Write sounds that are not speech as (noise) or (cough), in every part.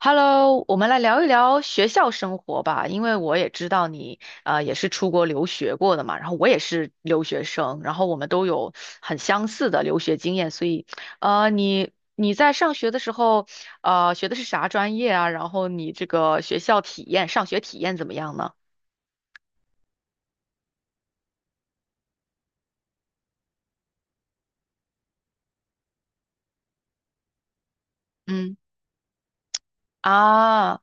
Hello，我们来聊一聊学校生活吧，因为我也知道你也是出国留学过的嘛，然后我也是留学生，然后我们都有很相似的留学经验，所以你在上学的时候学的是啥专业啊？然后你这个学校体验，上学体验怎么样呢？嗯啊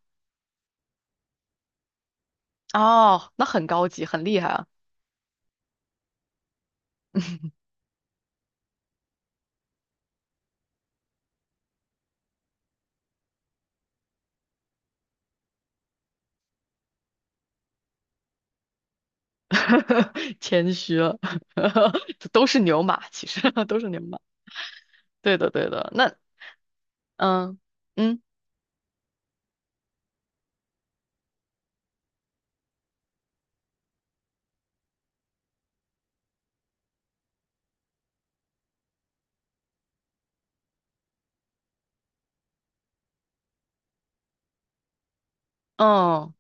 哦，那很高级，很厉害啊，(laughs) 谦虚了，(laughs) 都是牛马，其实 (laughs) 都是牛马，对的对的，那嗯。嗯嗯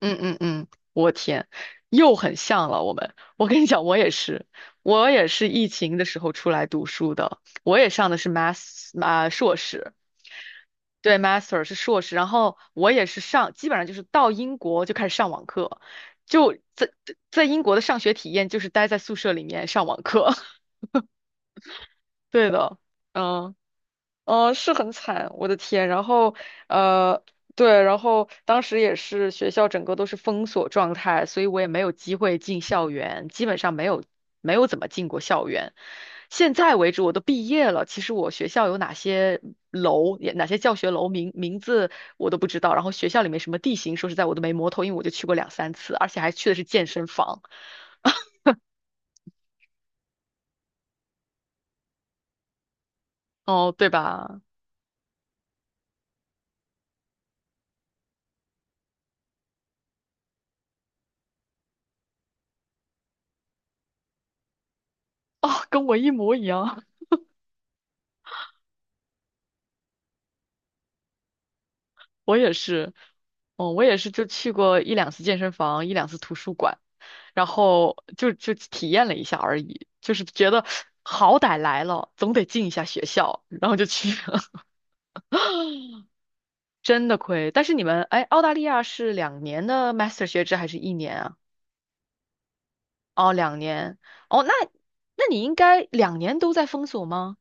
嗯嗯嗯，我天，又很像了。我们，我跟你讲，我也是，我也是疫情的时候出来读书的，我也上的是 硕士，对，master 是硕士，然后我也是上，基本上就是到英国就开始上网课，就在英国的上学体验就是待在宿舍里面上网课，(laughs) 对的，嗯。嗯，是很惨，我的天。然后，呃，对，然后当时也是学校整个都是封锁状态，所以我也没有机会进校园，基本上没有怎么进过校园。现在为止，我都毕业了，其实我学校有哪些楼，也哪些教学楼名字我都不知道。然后学校里面什么地形，说实在我都没摸透，因为我就去过两三次，而且还去的是健身房，哦，对吧？哦，跟我一模一样。我也是，哦，我也是就去过一两次健身房，一两次图书馆，然后就体验了一下而已，就是觉得好歹来了，总得进一下学校，然后就去了，(laughs) 真的亏。但是你们，哎，澳大利亚是两年的 master 学制还是1年啊？哦，两年。哦，那你应该两年都在封锁吗？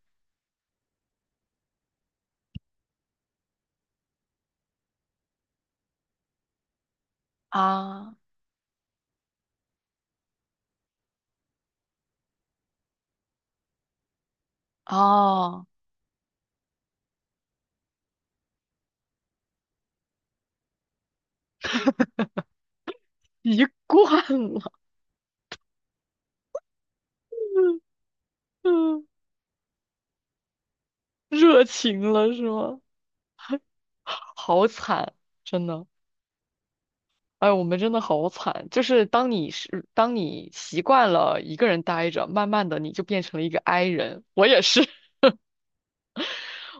啊，哦，(laughs) 一贯了，(laughs) 嗯，热情了是吗？(laughs) 好惨，真的。哎，我们真的好惨。就是当你习惯了一个人待着，慢慢的你就变成了一个 i 人。我也是，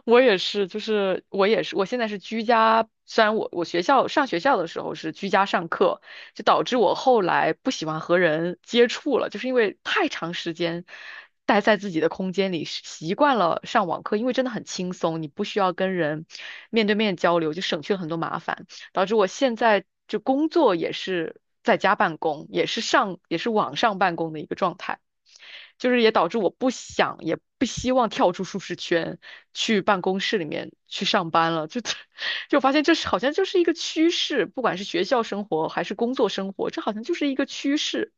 我也是，我现在是居家，虽然我上学校的时候是居家上课，就导致我后来不喜欢和人接触了，就是因为太长时间待在自己的空间里，习惯了上网课，因为真的很轻松，你不需要跟人面对面交流，就省去了很多麻烦，导致我现在就工作也是在家办公，也是网上办公的一个状态。就是也导致我不想也不希望跳出舒适圈，去办公室里面去上班了。就 (laughs) 就发现这是好像就是一个趋势，不管是学校生活还是工作生活，这好像就是一个趋势。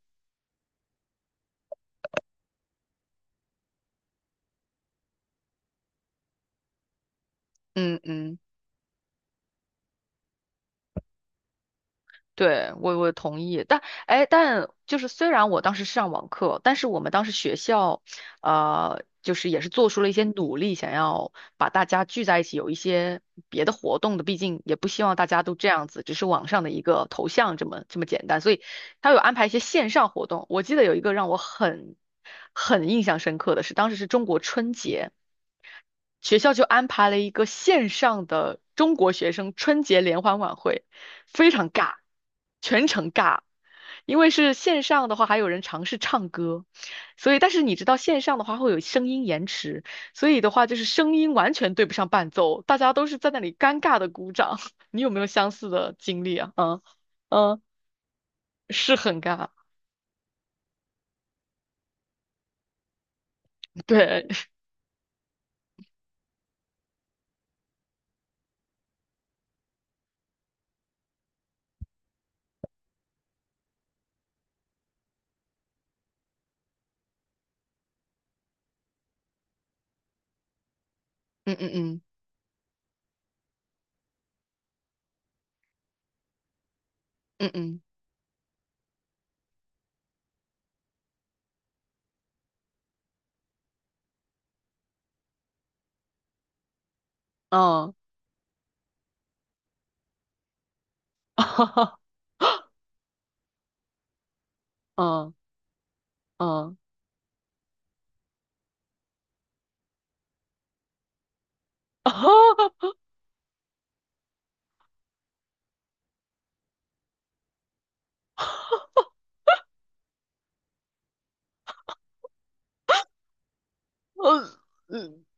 嗯嗯。对，我同意，但哎，但就是虽然我当时是上网课，但是我们当时学校，就是也是做出了一些努力，想要把大家聚在一起，有一些别的活动的，毕竟也不希望大家都这样子，只是网上的一个头像这么简单，所以他有安排一些线上活动。我记得有一个让我很印象深刻的是，当时是中国春节。学校就安排了一个线上的中国学生春节联欢晚会，非常尬，全程尬。因为是线上的话，还有人尝试唱歌，所以但是你知道线上的话会有声音延迟，所以的话就是声音完全对不上伴奏，大家都是在那里尴尬的鼓掌。(laughs) 你有没有相似的经历啊？嗯嗯，是很尬，对，嗯嗯嗯嗯嗯嗯，(laughs) 嗯嗯嗯，(laughs) 嗯，嗯 (laughs)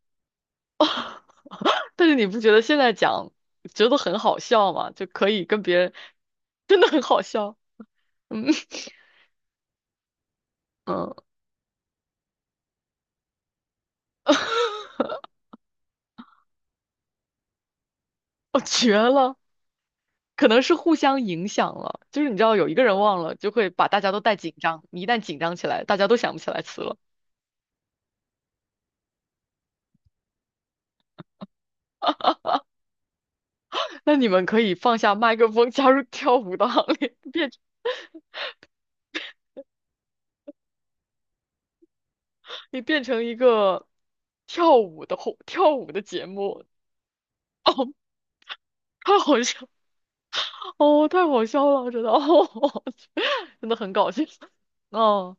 但是你不觉得现在讲觉得很好笑吗？就可以跟别人真的很好笑，嗯 (laughs) 嗯，(laughs) 我绝了，可能是互相影响了，就是你知道有一个人忘了，就会把大家都带紧张，你一旦紧张起来，大家都想不起来词了。那你们可以放下麦克风，加入跳舞的行列，你变成一个跳舞的后跳舞的节目，(laughs) 太好笑哦，太好笑了，我觉得哦，(laughs) 真的很搞笑，哦，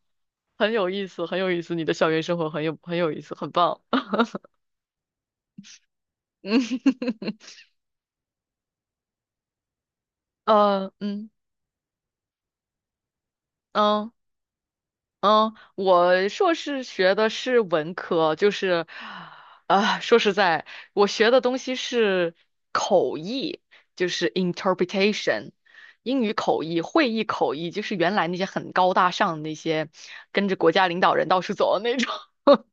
很有意思，很有意思，你的校园生活很有意思，很棒。(laughs) 嗯，嗯嗯嗯，我硕士学的是文科，就是，啊、说实在，我学的东西是口译，就是 interpretation，英语口译、会议口译，就是原来那些很高大上的那些，跟着国家领导人到处走的那种。(laughs)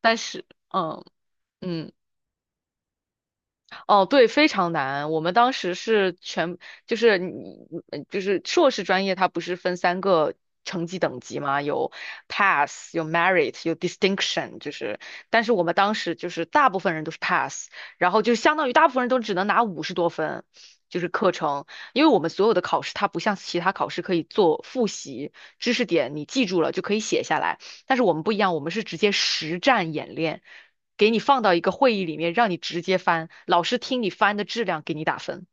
但是，嗯嗯，哦，对，非常难。我们当时是全，就是你，就是硕士专业，它不是分三个成绩等级吗？有 pass，有 merit，有 distinction，就是，但是我们当时就是大部分人都是 pass，然后就相当于大部分人都只能拿五十多分。就是课程，因为我们所有的考试，它不像其他考试可以做复习，知识点你记住了就可以写下来。但是我们不一样，我们是直接实战演练，给你放到一个会议里面，让你直接翻，老师听你翻的质量给你打分。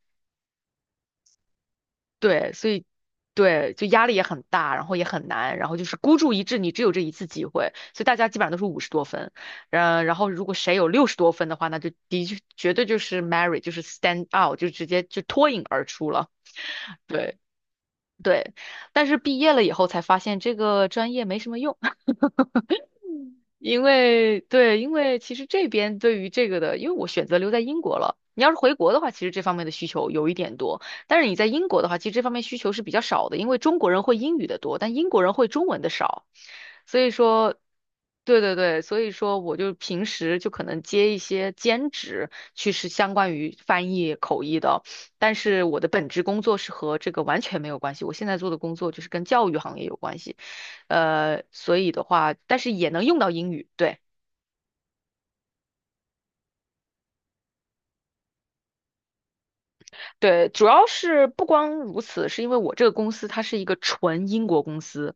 对，所以对，就压力也很大，然后也很难，然后就是孤注一掷，你只有这一次机会，所以大家基本上都是五十多分，嗯，然后如果谁有60多分的话，那就的确绝对就是 Mary，就是 stand out，就直接就脱颖而出了。对对，但是毕业了以后才发现这个专业没什么用。因为对，因为其实这边对于这个的，因为我选择留在英国了。你要是回国的话，其实这方面的需求有一点多，但是你在英国的话，其实这方面需求是比较少的，因为中国人会英语的多，但英国人会中文的少，所以说，对对对，所以说我就平时就可能接一些兼职，去是相关于翻译口译的，但是我的本职工作是和这个完全没有关系，我现在做的工作就是跟教育行业有关系。所以的话，但是也能用到英语，对对，主要是不光如此，是因为我这个公司它是一个纯英国公司，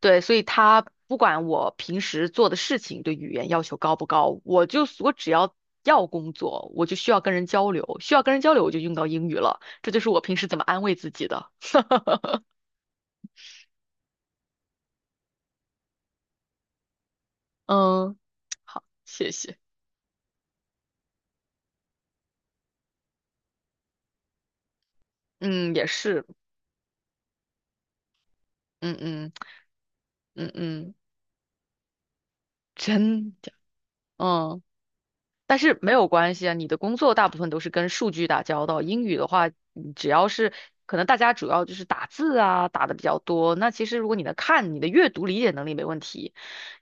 对，所以它不管我平时做的事情对语言要求高不高，我只要工作，我就需要跟人交流，需要跟人交流我就用到英语了，这就是我平时怎么安慰自己的。(laughs) 嗯，好，谢谢。嗯，也是，嗯嗯嗯嗯，真的，嗯。但是没有关系啊，你的工作大部分都是跟数据打交道。英语的话，你只要是可能大家主要就是打字啊，打的比较多。那其实如果你能看，你的阅读理解能力没问题，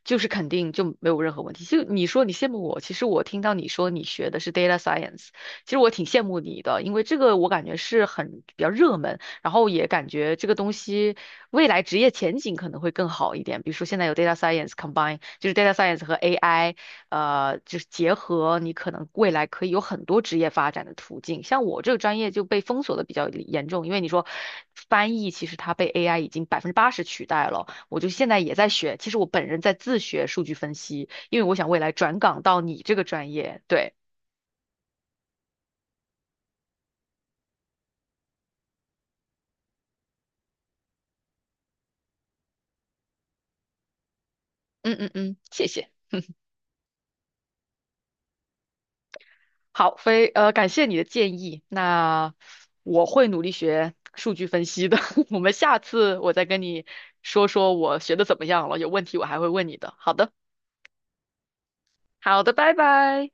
就是肯定就没有任何问题。就你说你羡慕我，其实我听到你说你学的是 data science，其实我挺羡慕你的，因为这个我感觉是很比较热门，然后也感觉这个东西未来职业前景可能会更好一点。比如说现在有 data science combine，就是 data science 和 AI。就是结合你可能未来可以有很多职业发展的途径。像我这个专业就被封锁的比较严重，因为你说翻译其实它被 AI 已经80%取代了。我就现在也在学，其实我本人在自学数据分析，因为我想未来转岗到你这个专业。对，嗯嗯嗯，谢谢。好，非呃，感谢你的建议。那我会努力学数据分析的。(laughs) 我们下次我再跟你说说我学的怎么样了，有问题我还会问你的。好的。好的，拜拜。